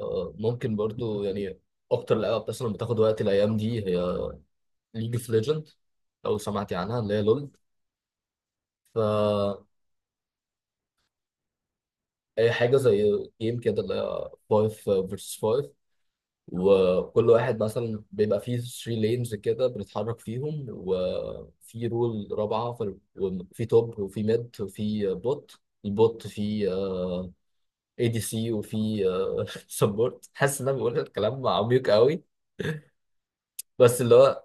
آه، ممكن برضو يعني اكتر لعبه مثلا بتاخد وقت الايام دي هي ليج اوف ليجند، لو سمعتي عنها، اللي هي لول. ف اي حاجه زي جيم كده اللي هي 5 فيرسس 5، وكل واحد مثلا بيبقى فيه 3 لينز كده بنتحرك فيهم، وفي رول رابعه في وفي توب وفي ميد وفي بوت. البوت فيه اي دي سي وفي سبورت. حاسس ان انا بقول الكلام عميق قوي. بس اللي هو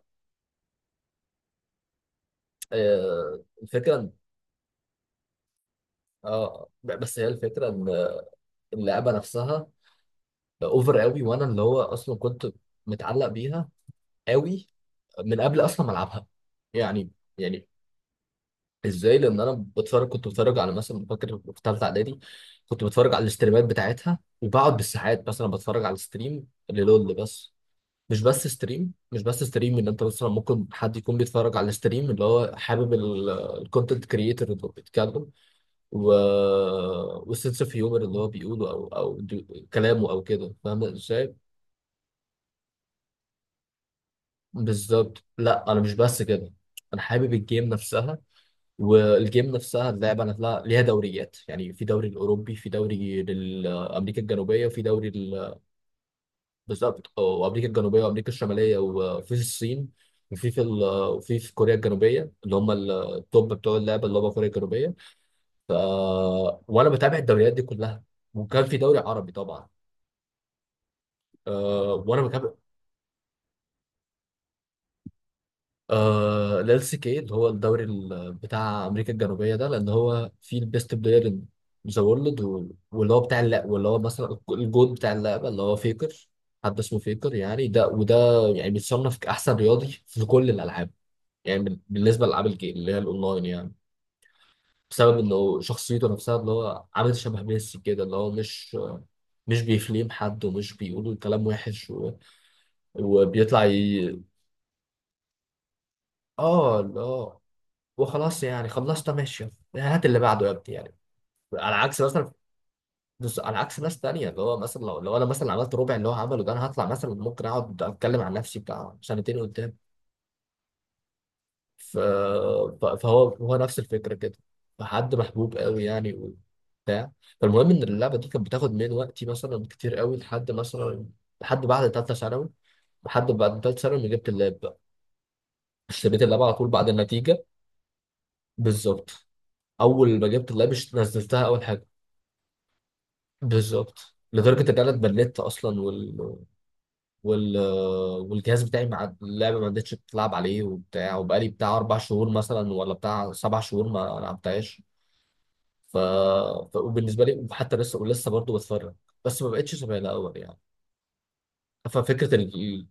الفكره. اه، بس هي الفكره ان اللعبه نفسها اوفر قوي، وانا اللي هو اصلا كنت متعلق بيها قوي من قبل اصلا ما العبها يعني يعني ازاي، لان انا كنت بتفرج على، مثلا فاكر في ثالثه اعدادي، كنت بتفرج على الاستريمات بتاعتها، وبقعد بالساعات مثلا بتفرج على ستريم للول. بس مش بس ستريم ان انت مثلا ممكن حد يكون بيتفرج على ستريم اللي هو حابب الكونتنت كريتور اللي بيتكلم، و... والسنس اوف هيومر اللي هو بيقوله، او كلامه او كده، فاهم ازاي. بالظبط، لا انا مش بس كده، انا حابب الجيم نفسها. والجيم نفسها اللعبه نفسها ليها دوريات يعني، في دوري الاوروبي، في دوري لامريكا الجنوبيه، وفي بالظبط، وامريكا الجنوبيه وامريكا الشماليه، وفي الصين، وفي في كوريا الجنوبيه اللي هم التوب بتوع اللعبه، اللي هم كوريا الجنوبيه. ف... وانا بتابع الدوريات دي كلها. وكان في دوري عربي طبعا. آه وانا بتابع. ال LCK، اللي هو الدوري بتاع امريكا الجنوبيه ده، لان هو فيه البيست بلاير ان ذا وورلد، واللي هو بتاع اللعبه، واللي هو مثلا الجود بتاع اللعبه اللي هو فيكر، حد اسمه فيكر. يعني ده وده يعني بيتصنف كاحسن رياضي في كل الالعاب، يعني بالنسبه لالعاب الجيم اللي هي الاونلاين يعني، بسبب انه شخصيته نفسها اللي هو عامل شبه ميسي كده، اللي هو مش بيفليم حد، ومش بيقولوا كلام وحش وبيطلع اه لا. وخلاص، يعني خلصت ماشي. يعني هات اللي بعده يا ابني يعني، على عكس مثلا. بص، على عكس ناس تانية، اللي هو مثلا لو انا مثلا عملت ربع اللي هو عمله ده، انا هطلع مثلا ممكن اقعد اتكلم عن نفسي بتاع سنتين قدام. ف... فهو نفس الفكرة كده. فحد محبوب قوي يعني، وبتاع. فالمهم ان اللعبة دي كانت بتاخد من وقتي مثلا كتير قوي، لحد مثلا لحد بعد تالتة ثانوي. لحد بعد تالتة ثانوي ما جبت اللاب بقى، اشتريت اللاب على طول بعد النتيجة. بالظبط. اول ما جبت اللاب نزلتها اول حاجة. بالظبط، لدرجه ان انا اتبلدت اصلا، وال... والجهاز بتاعي مع اللعبه ما عدتش بتلعب عليه وبتاع، وبقالي بتاع 4 شهور مثلا ولا بتاع 7 شهور ما لعبتهاش. ف... وبالنسبه لي حتى لسه، ولسه برضه بتفرج، بس ما بقتش شبه الاول يعني. ففكره ال...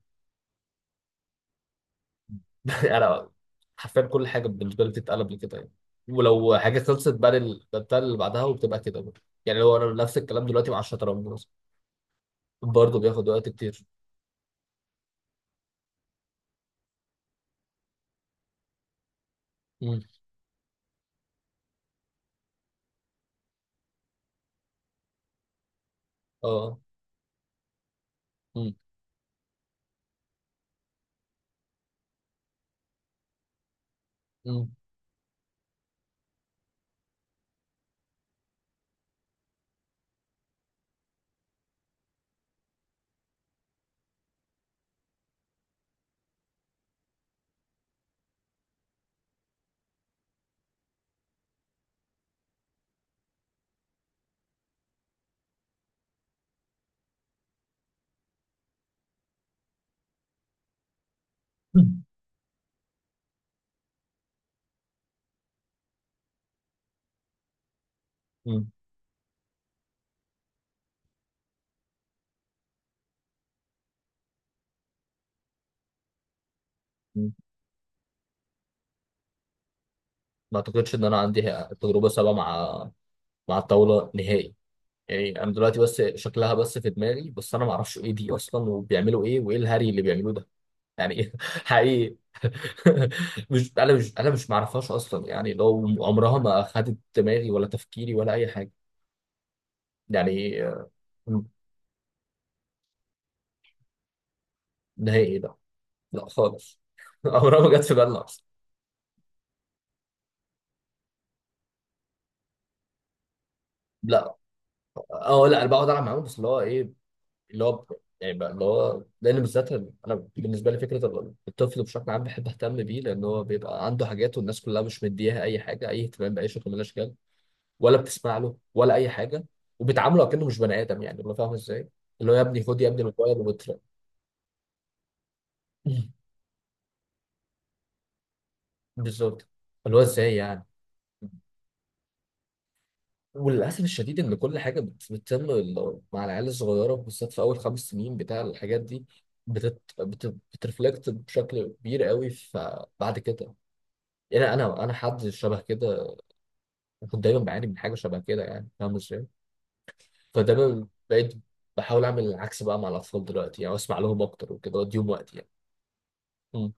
انا حرفيا كل حاجه بالنسبه لي بتتقلب لكده يعني. ولو حاجه خلصت بقى بتاع اللي بعدها وبتبقى كده برضه يعني، لو انا نفس الكلام دلوقتي مع الشطرنج مثلا برضه بياخد وقت كتير. مم. اه. مم. مم. مم. مم. ما اعتقدش ان انا عندي تجربه سابقه مع الطاوله نهائي. يعني انا دلوقتي بس شكلها بس في دماغي، بس انا ما اعرفش ايه دي اصلا، وبيعملوا ايه وايه الهري اللي بيعملوه ده. يعني إيه؟ حقيقي. مش انا مش معرفهاش اصلا يعني، لو عمرها ما اخدت دماغي ولا تفكيري ولا اي حاجه يعني آه،. نهائي لا. لا خالص. عمرها ما جت في بالنا اصلا. لا. اه لا، انا بقعد العب معاهم، بس اللي هو ايه، اللي هو يعني بقى اللي هو، لان بالذات انا بالنسبه لي فكره الطفل بشكل عام بحب اهتم بيه، لان هو بيبقى عنده حاجات والناس كلها مش مديها اي حاجه، اي اهتمام باي شكل من الاشكال، ولا بتسمع له ولا اي حاجه، وبيتعاملوا كأنه مش بني ادم يعني، اللي فاهم ازاي، اللي هو يا ابني خد يا ابني الموبايل وتر. بالظبط. اللي هو ازاي يعني. وللاسف الشديد ان كل حاجه بتتم مع العيال الصغيره بالذات في اول 5 سنين، بتاع الحاجات دي بترفلكت بشكل كبير قوي. فبعد كده يعني انا حد شبه كده، كنت دايما بعاني من حاجه شبه كده يعني، فاهم ازاي. فدايما بقيت بحاول اعمل العكس بقى مع الاطفال دلوقتي يعني، واسمع لهم اكتر وكده واديهم وقت يعني. مم.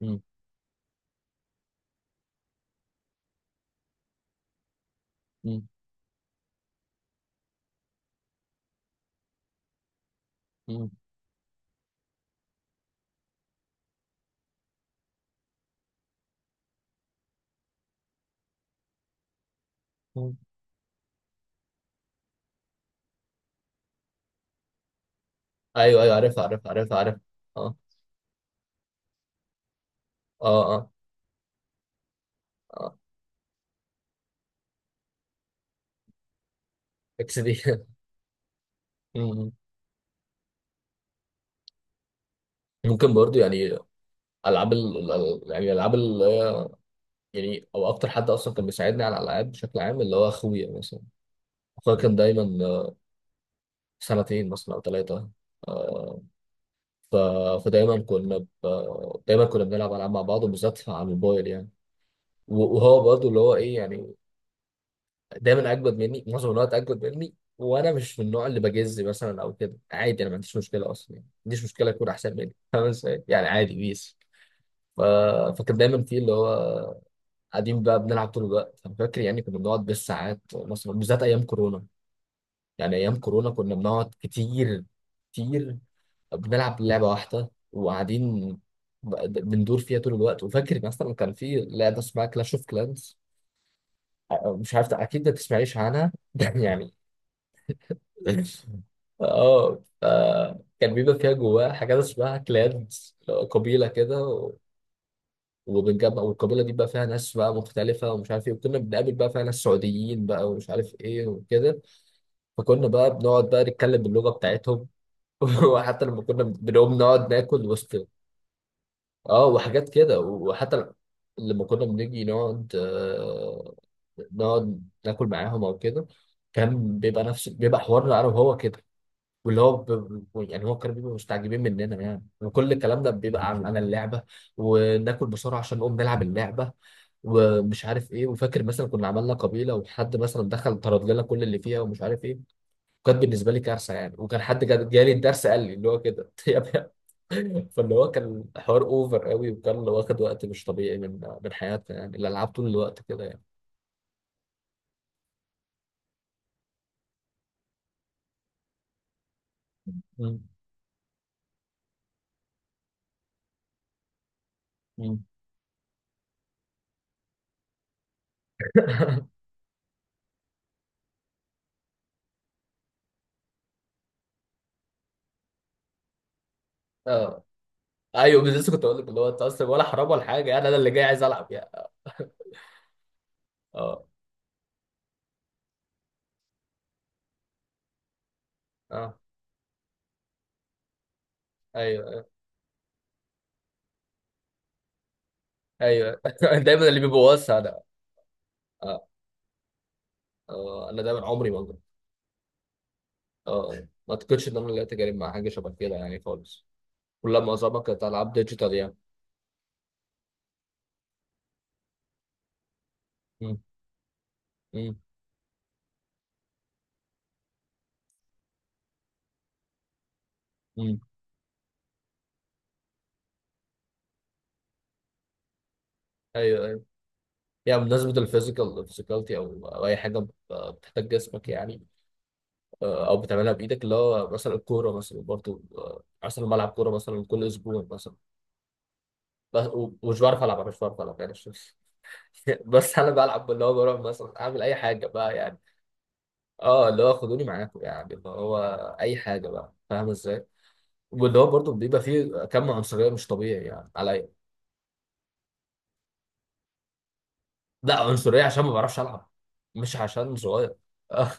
مم. مم. مم. مم. ايوه ايوه، عارفها عارفها عارفها عارفها. اه اه اه اه. اكس دي. مم. ممكن برضو يعني، العاب ال... ال- يعني العاب ال... يعني او اكتر حد اصلا كان بيساعدني على الالعاب بشكل عام اللي هو اخويا مثلا. اخويا كان دايما آه،. سنتين مثلا او ثلاثه. ف... فدايما كنا ب... دايما كنا بنلعب العاب مع بعض، وبالذات على الموبايل يعني. وهو برضه اللي هو ايه يعني، دايما اجمد مني معظم الوقت اجمد مني، وانا مش من النوع اللي بجز مثلا او كده، عادي انا ما عنديش مشكله اصلا يعني، ما عنديش مشكله اكون احسن مني، فاهم ازاي يعني، عادي بيس. ف... فكان دايما في اللي هو قاعدين بقى بنلعب طول الوقت، انا فاكر يعني كنا بنقعد بالساعات مثلا بالذات ايام كورونا. يعني ايام كورونا كنا بنقعد كتير كتير، بنلعب لعبة واحدة وقاعدين بندور فيها طول الوقت. وفاكر مثلا كان في لعبة اسمها كلاش اوف كلانز، مش عارف أكيد ما تسمعيش عنها. يعني، اه. ف- كان بيبقى فيها جواها حاجات اسمها كلانز، قبيلة كده، وبنجمع، والقبيلة دي بقى فيها ناس بقى مختلفة ومش عارف ايه، وكنا بنقابل بقى فيها ناس سعوديين بقى ومش عارف ايه وكده. فكنا بقى بنقعد بقى نتكلم باللغة بتاعتهم. وحتى لما كنا بنقوم نقعد ناكل وسط، اه وحاجات كده. وحتى لما كنا بنيجي نقعد نقعد ناكل معاهم او كده، كان بيبقى نفس بيبقى حوارنا انا وهو كده، واللي هو يعني هو، كانوا بيبقوا مستعجبين مننا يعني، وكل الكلام ده بيبقى عن اللعبه، وناكل بسرعه عشان نقوم نلعب اللعبه، ومش عارف ايه. وفاكر مثلا كنا عملنا قبيله وحد مثلا دخل طرد لنا كل اللي فيها ومش عارف ايه، وكانت بالنسبه لي كارثه يعني. وكان حد جالي الدرس قال لي اللي هو كده. يا ابني، فاللي هو كان حوار اوفر قوي، وكان اللي واخد وقت مش طبيعي من حياتنا يعني، الالعاب طول الوقت كده يعني. مم. مم. اه ايوه، بس لسه كنت اقول لك اللي هو انت اصلا ولا حرام ولا حاجه يعني، انا اللي جاي عايز العب يعني. اه. اه. ايوه ايوه، دايما اللي بيبوظها انا. اه. اه انا دايما عمري ما جربت. اه. آه. ما اعتقدش ان انا اللي اتجارب مع حاجه شبه كده يعني خالص. كلها معظمها كانت العاب ديجيتال يعني. مم. مم. مم. ايوه ايوه. يعني بمناسبه الفيزيكال فيزيكالتي او اي حاجه بتحتاج جسمك يعني، آه،. او بتعملها بايدك، اللي هو مثلا الكوره مثلا برضو، آه، مثلا بلعب كوره مثلا كل اسبوع مثلا. بس ومش بعرف العب، أنا مش بعرف العب يعني بس انا بلعب اللي هو بروح مثلا اعمل اي حاجه بقى يعني. اه اللي هو خدوني معاكم يعني، اللي هو اي حاجه بقى، فاهم ازاي. واللي هو برضو بيبقى فيه كم عنصريه مش طبيعي يعني عليا. لا، عنصريه عشان ما بعرفش العب، مش عشان صغير. آه،.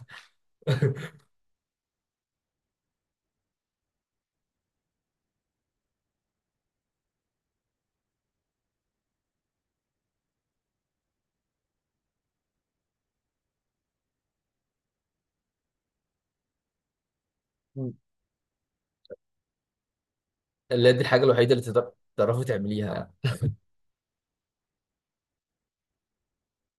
اللي هي دي الحاجه الوحيده اللي تعرفي تعمليها.